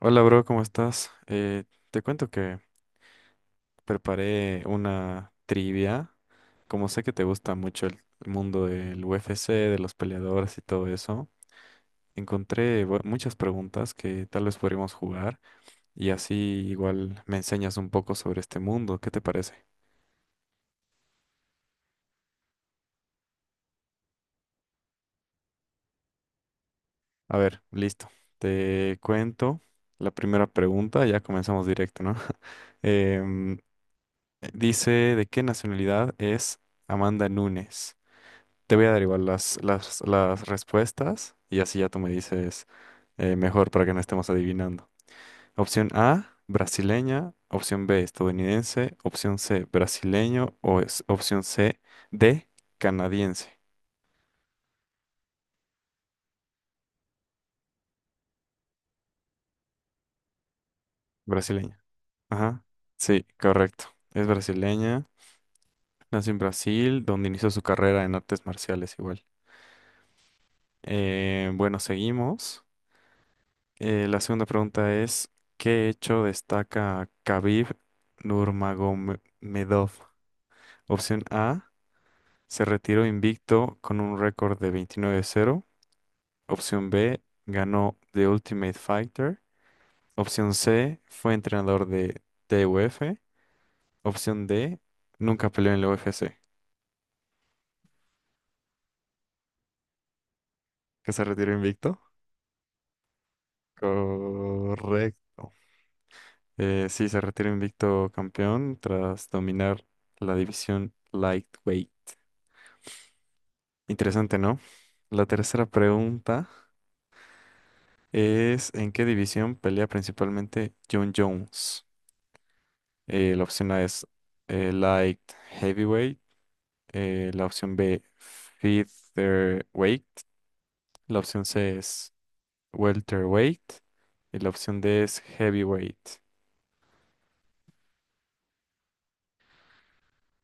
Hola, bro, ¿cómo estás? Te cuento que preparé una trivia. Como sé que te gusta mucho el mundo del UFC, de los peleadores y todo eso, encontré muchas preguntas que tal vez podríamos jugar y así igual me enseñas un poco sobre este mundo. ¿Qué te parece? A ver, listo. Te cuento la primera pregunta. Ya comenzamos directo, ¿no? Em, Dice, ¿de qué nacionalidad es Amanda Nunes? Te voy a dar igual las respuestas y así ya tú me dices mejor para que no estemos adivinando. Opción A, brasileña. Opción B, estadounidense. Opción C, brasileño. O es- opción C, D, canadiense. Brasileña. Ajá. Sí, correcto. Es brasileña. Nació en Brasil, donde inició su carrera en artes marciales igual. Bueno, seguimos. La segunda pregunta es, ¿qué hecho destaca Khabib Nurmagomedov? Opción A, se retiró invicto con un récord de 29-0. Opción B, ganó The Ultimate Fighter. Opción C, fue entrenador de TUF. Opción D, nunca peleó en la UFC. ¿Que se retiró invicto? Correcto. Sí, se retiró invicto campeón tras dominar la división lightweight. Interesante, ¿no? La tercera pregunta es, ¿en qué división pelea principalmente John Jones? La opción A es light heavyweight, la opción B featherweight, la opción C es welterweight y la opción D es heavyweight.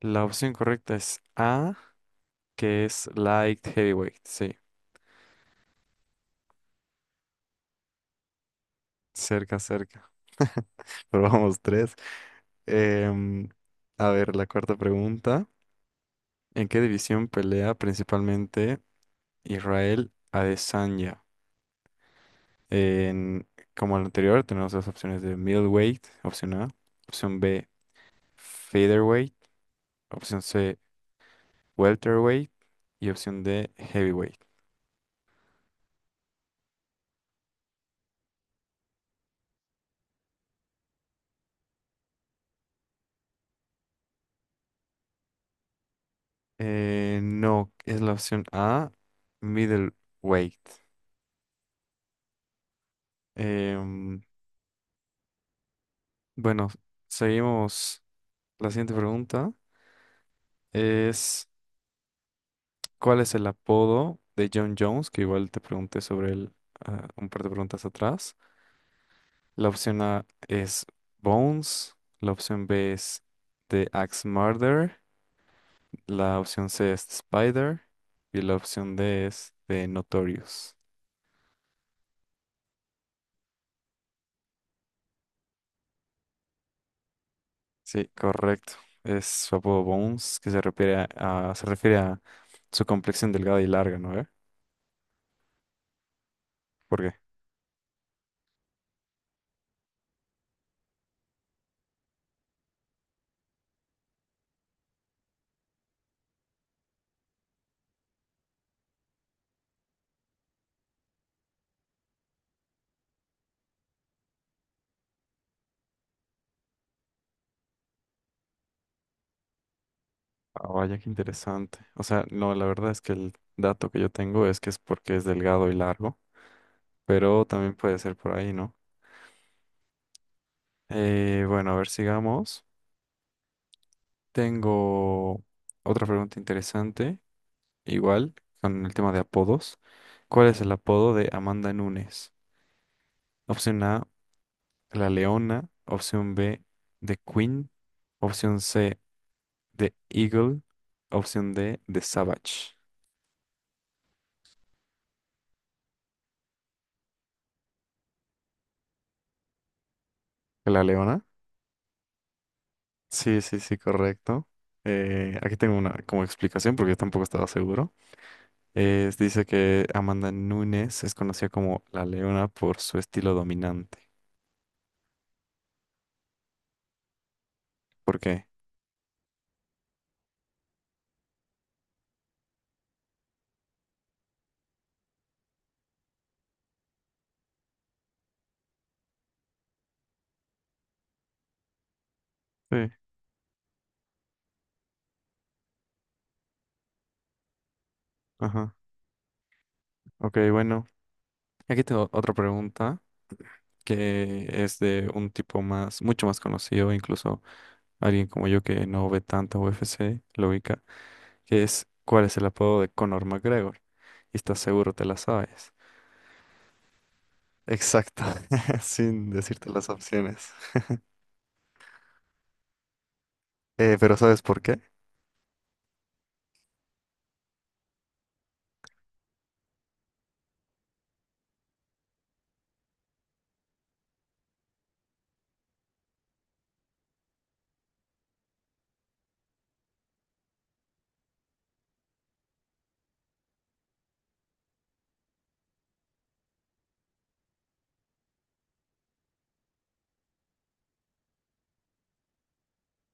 La opción correcta es A, que es light heavyweight, sí, cerca, cerca. Pero vamos, tres. Em, a ver, la cuarta pregunta. ¿En qué división pelea principalmente Israel Adesanya? En, como el anterior, tenemos las opciones de middleweight, opción A, opción B, featherweight, opción C, welterweight y opción D, heavyweight. No, es la opción A, middleweight. Em, bueno, seguimos. La siguiente pregunta es... ¿Cuál es el apodo de John Jones? Que igual te pregunté sobre él un par de preguntas atrás. La opción A es Bones. La opción B es The Axe Murder. La opción C es The Spider. Y la opción D es The Notorious. Sí, correcto. Es su apodo Bones, que se refiere a su complexión delgada y larga, ¿no? ¿Eh? ¿Por qué? Ah, vaya, qué interesante. O sea, no, la verdad es que el dato que yo tengo es que es porque es delgado y largo. Pero también puede ser por ahí, ¿no? Bueno, a ver, sigamos. Tengo otra pregunta interesante, igual, con el tema de apodos. ¿Cuál es el apodo de Amanda Nunes? Opción A, La Leona. Opción B, The Queen. Opción C, The Eagle. Opción D, The Savage. ¿La Leona? Sí, sí, sí, correcto. Aquí tengo una como explicación porque yo tampoco estaba seguro. Dice que Amanda Nunes es conocida como la leona por su estilo dominante. ¿Por qué? Sí. Ajá. Ok, bueno. Aquí tengo otra pregunta que es de un tipo más, mucho más conocido, incluso alguien como yo que no ve tanto UFC, lo ubica, que es ¿cuál es el apodo de Conor McGregor? Y estás seguro te la sabes. Exacto, sin decirte las opciones. Pero ¿sabes por qué?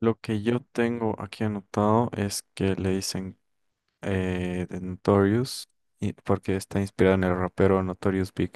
Lo que yo tengo aquí anotado es que le dicen de Notorious, porque está inspirado en el rapero Notorious Big.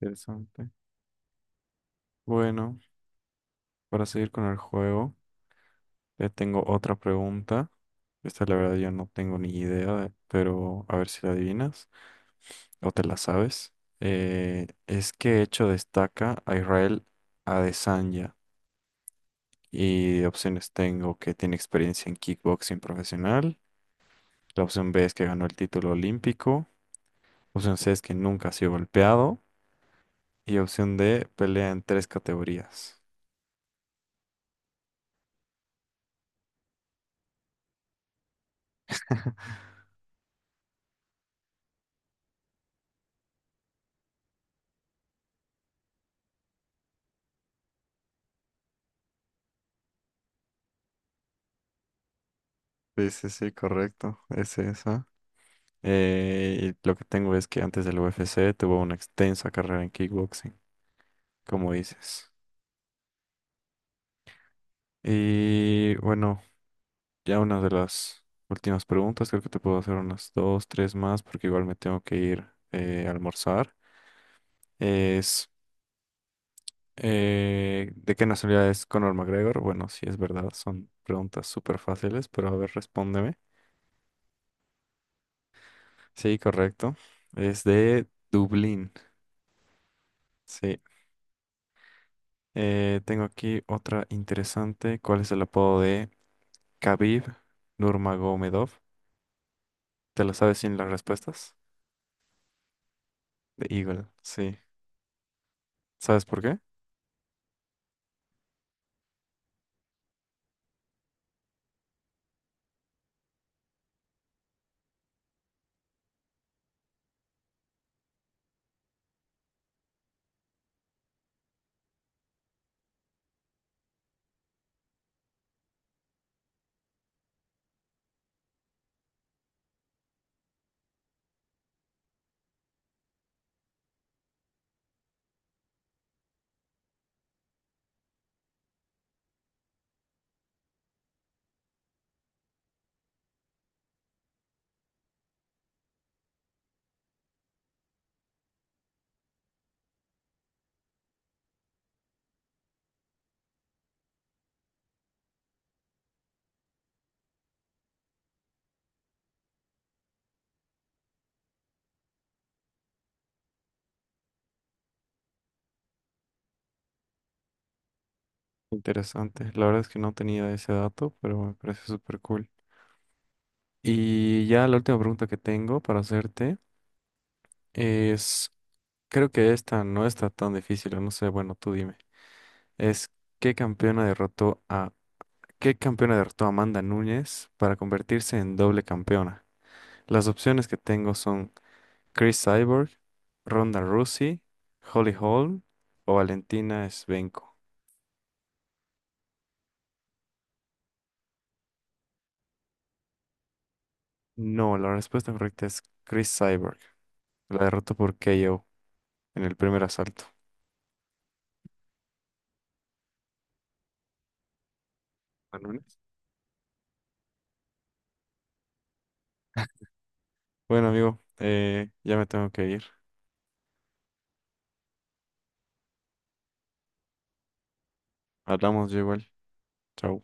Interesante. Bueno, para seguir con el juego, ya tengo otra pregunta. Esta la verdad yo no tengo ni idea, pero a ver si la adivinas o te la sabes. Es que hecho destaca a Israel Adesanya. Y opciones tengo que tiene experiencia en kickboxing profesional. La opción B es que ganó el título olímpico. La Opción C es que nunca ha sido golpeado. Y opción D, pelea en tres categorías. Sí, sí, sí, correcto. Es esa. Y lo que tengo es que antes del UFC tuvo una extensa carrera en kickboxing, como dices. Y bueno, ya una de las últimas preguntas, creo que te puedo hacer unas dos, tres más, porque igual me tengo que ir a almorzar. Es, ¿De qué nacionalidad es Conor McGregor? Bueno, sí es verdad, son preguntas súper fáciles, pero a ver, respóndeme. Sí, correcto. Es de Dublín. Sí. Tengo aquí otra interesante. ¿Cuál es el apodo de Khabib Nurmagomedov? ¿Te la sabes sin las respuestas? De Eagle. Sí. ¿Sabes por qué? Interesante. La verdad es que no tenía ese dato, pero me parece súper cool. Y ya la última pregunta que tengo para hacerte es, creo que esta no está tan difícil, o no sé, bueno, tú dime. Es, ¿qué campeona derrotó a ¿Qué campeona derrotó a Amanda Núñez para convertirse en doble campeona? Las opciones que tengo son Chris Cyborg, Ronda Rousey, Holly Holm o Valentina Shevchenko. No, la respuesta correcta es Chris Cyborg. La derrotó por KO en el primer asalto. ¿A Nunes? Bueno, amigo, ya me tengo que ir. Hablamos yo igual. Chao.